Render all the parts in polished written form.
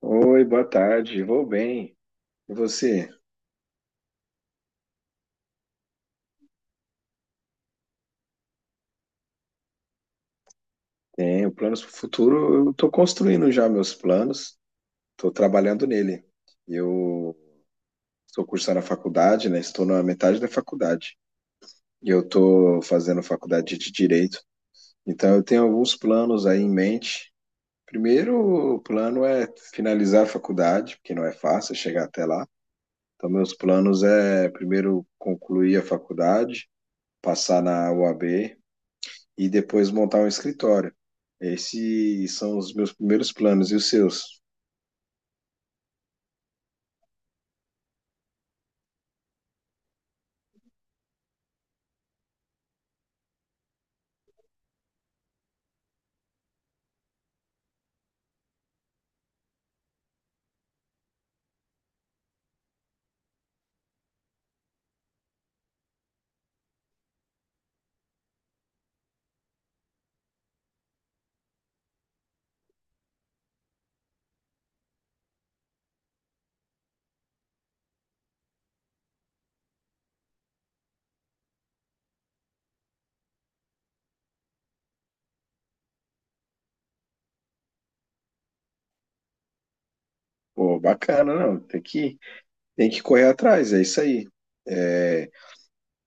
Oi, boa tarde. Vou bem. E você? Tenho planos para o futuro. Eu estou construindo já meus planos, estou trabalhando nele. Eu estou cursando a faculdade, né? Estou na metade da faculdade. E eu estou fazendo faculdade de Direito. Então, eu tenho alguns planos aí em mente. Primeiro, o plano é finalizar a faculdade, porque não é fácil chegar até lá. Então, meus planos é primeiro concluir a faculdade, passar na UAB e depois montar um escritório. Esses são os meus primeiros planos e os seus. Pô, bacana, não. Tem que correr atrás, é isso aí. É,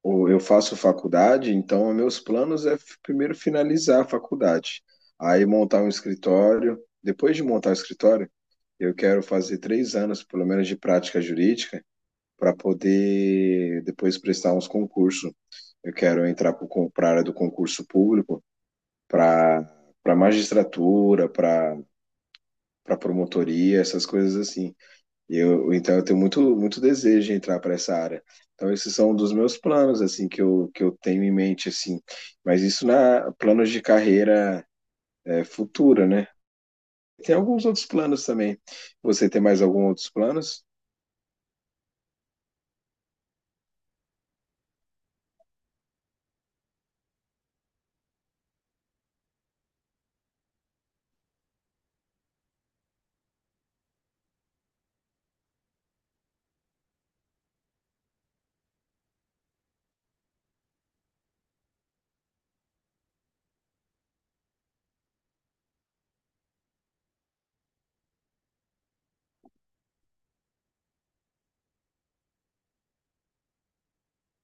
ou eu faço faculdade, então meus planos é primeiro finalizar a faculdade, aí montar um escritório. Depois de montar o escritório, eu quero fazer 3 anos, pelo menos, de prática jurídica para poder depois prestar uns concursos. Eu quero entrar para a área do concurso público, para para magistratura, para promotoria, essas coisas assim. Então eu tenho muito muito desejo de entrar para essa área. Então esses são um dos meus planos assim que eu tenho em mente assim. Mas isso na planos de carreira é, futura, né? Tem alguns outros planos também. Você tem mais alguns outros planos?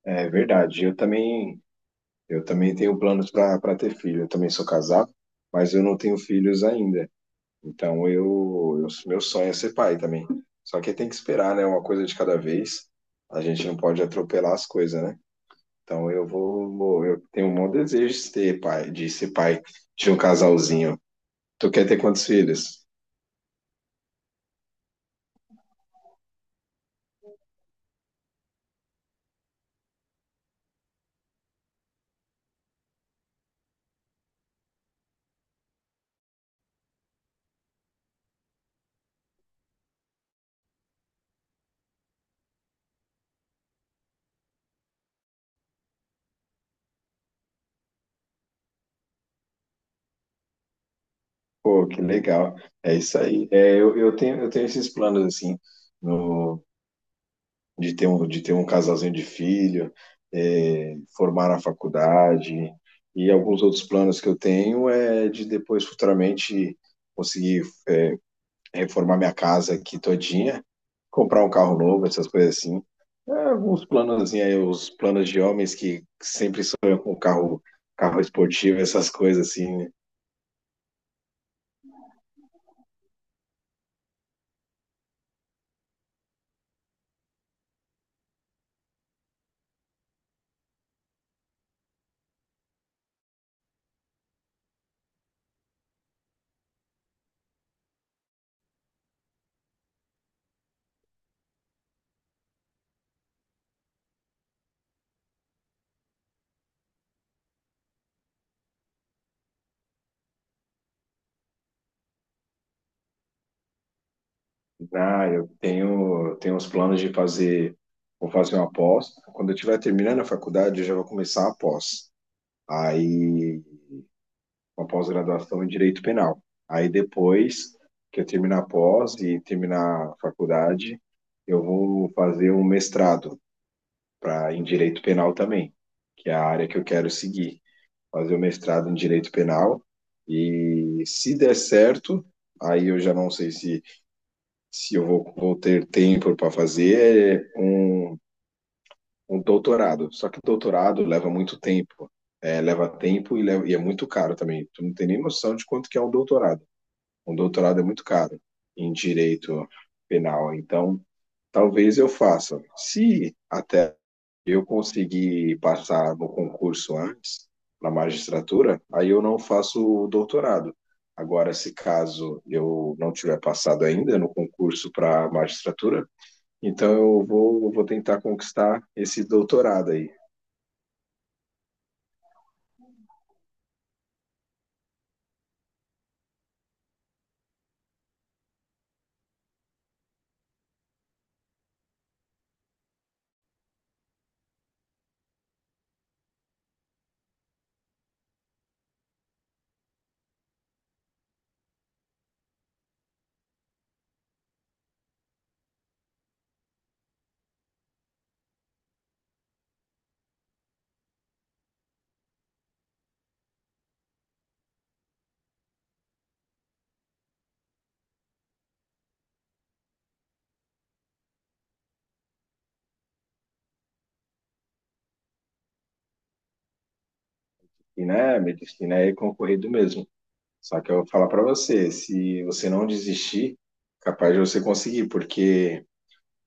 É verdade. Eu também tenho planos para ter filho. Eu também sou casado, mas eu não tenho filhos ainda. Então eu meu sonho é ser pai também. Só que tem que esperar, né? Uma coisa de cada vez. A gente não pode atropelar as coisas, né? Então eu tenho um bom desejo de ser pai, de ser pai de um casalzinho. Tu quer ter quantos filhos? Pô, que legal. É isso aí. É, eu tenho esses planos assim, no, de ter um casalzinho de filho, é, formar na faculdade e alguns outros planos que eu tenho é de depois futuramente conseguir reformar minha casa aqui todinha, comprar um carro novo, essas coisas assim. É, alguns planos aí, os planos de homens que sempre sonham com carro, carro esportivo, essas coisas assim, né? Ah, eu tenho uns planos de fazer, vou fazer uma pós. Quando eu estiver terminando a faculdade, eu já vou começar a pós. Aí, uma pós-graduação em Direito Penal. Aí depois que eu terminar a pós e terminar a faculdade, eu vou fazer um mestrado para em direito penal também, que é a área que eu quero seguir, fazer o mestrado em direito penal e se der certo, aí eu já não sei se eu vou ter tempo para fazer um doutorado. Só que doutorado leva muito tempo, é, leva tempo e, e é muito caro também. Tu não tem nem noção de quanto que é um doutorado. Um doutorado é muito caro em direito penal. Então, talvez eu faça. Se até eu conseguir passar no concurso antes, na magistratura, aí eu não faço o doutorado. Agora, se caso eu não tiver passado ainda no concurso para magistratura, então eu vou tentar conquistar esse doutorado aí. E né, medicina é concorrido mesmo. Só que eu vou falar para você, se você não desistir, capaz de você conseguir, porque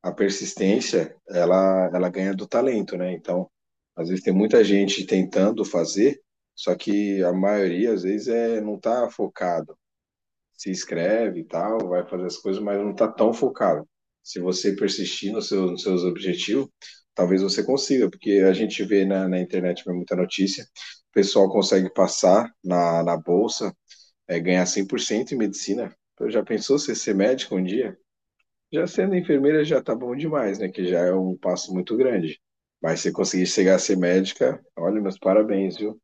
a persistência, ela ganha do talento, né? Então, às vezes tem muita gente tentando fazer, só que a maioria, às vezes, é, não tá focado. Se inscreve e tal, vai fazer as coisas, mas não tá tão focado. Se você persistir no seu, nos seus objetivos, talvez você consiga, porque a gente vê na internet muita notícia, o pessoal consegue passar na bolsa, é, ganhar 100% em medicina. Então, já pensou você ser médico um dia? Já sendo enfermeira já tá bom demais, né? Que já é um passo muito grande. Mas se conseguir chegar a ser médica, olha, meus parabéns, viu?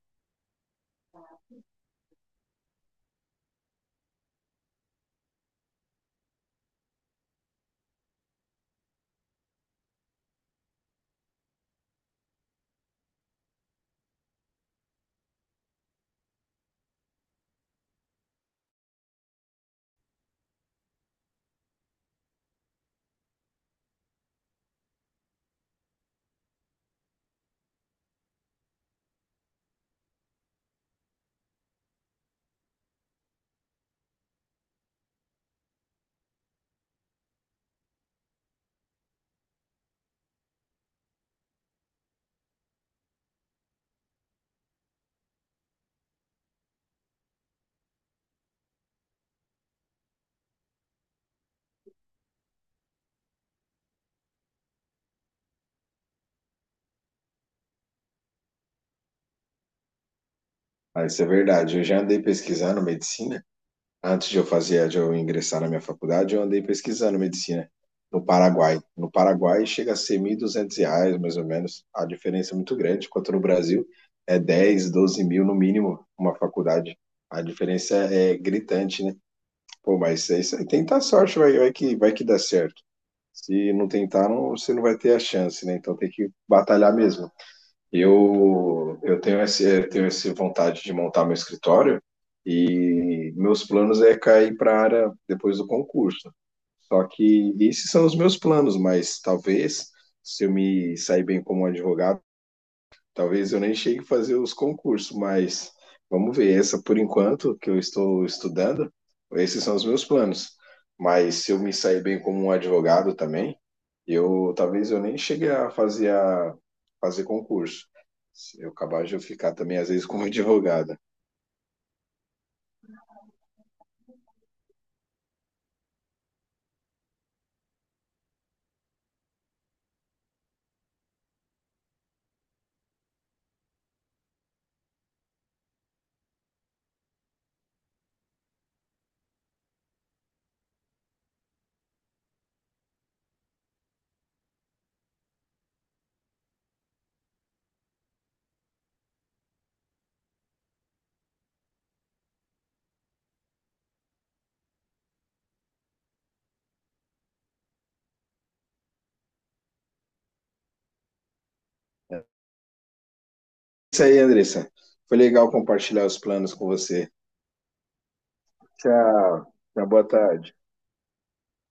Ah, isso é verdade. Eu já andei pesquisando medicina. Antes de eu fazer, de eu ingressar na minha faculdade, eu andei pesquisando medicina no Paraguai. No Paraguai chega a ser R$ 1.200, mais ou menos. A diferença é muito grande, enquanto no Brasil é 10, 12 mil no mínimo uma faculdade. A diferença é gritante, né? Pô, mas é isso aí. Tenta a sorte, vai que dá certo. Se não tentar, não, você não vai ter a chance, né? Então tem que batalhar mesmo. Eu tenho essa vontade de montar meu escritório e meus planos é cair para a área depois do concurso. Só que esses são os meus planos, mas talvez se eu me sair bem como advogado, talvez eu nem chegue a fazer os concursos, mas vamos ver. Essa por enquanto que eu estou estudando, esses são os meus planos. Mas se eu me sair bem como um advogado também, eu talvez eu nem cheguei a fazer concurso. Se eu acabar de eu ficar também às vezes como advogada. É isso aí, Andressa. Foi legal compartilhar os planos com você. Tchau. Tchau, boa tarde.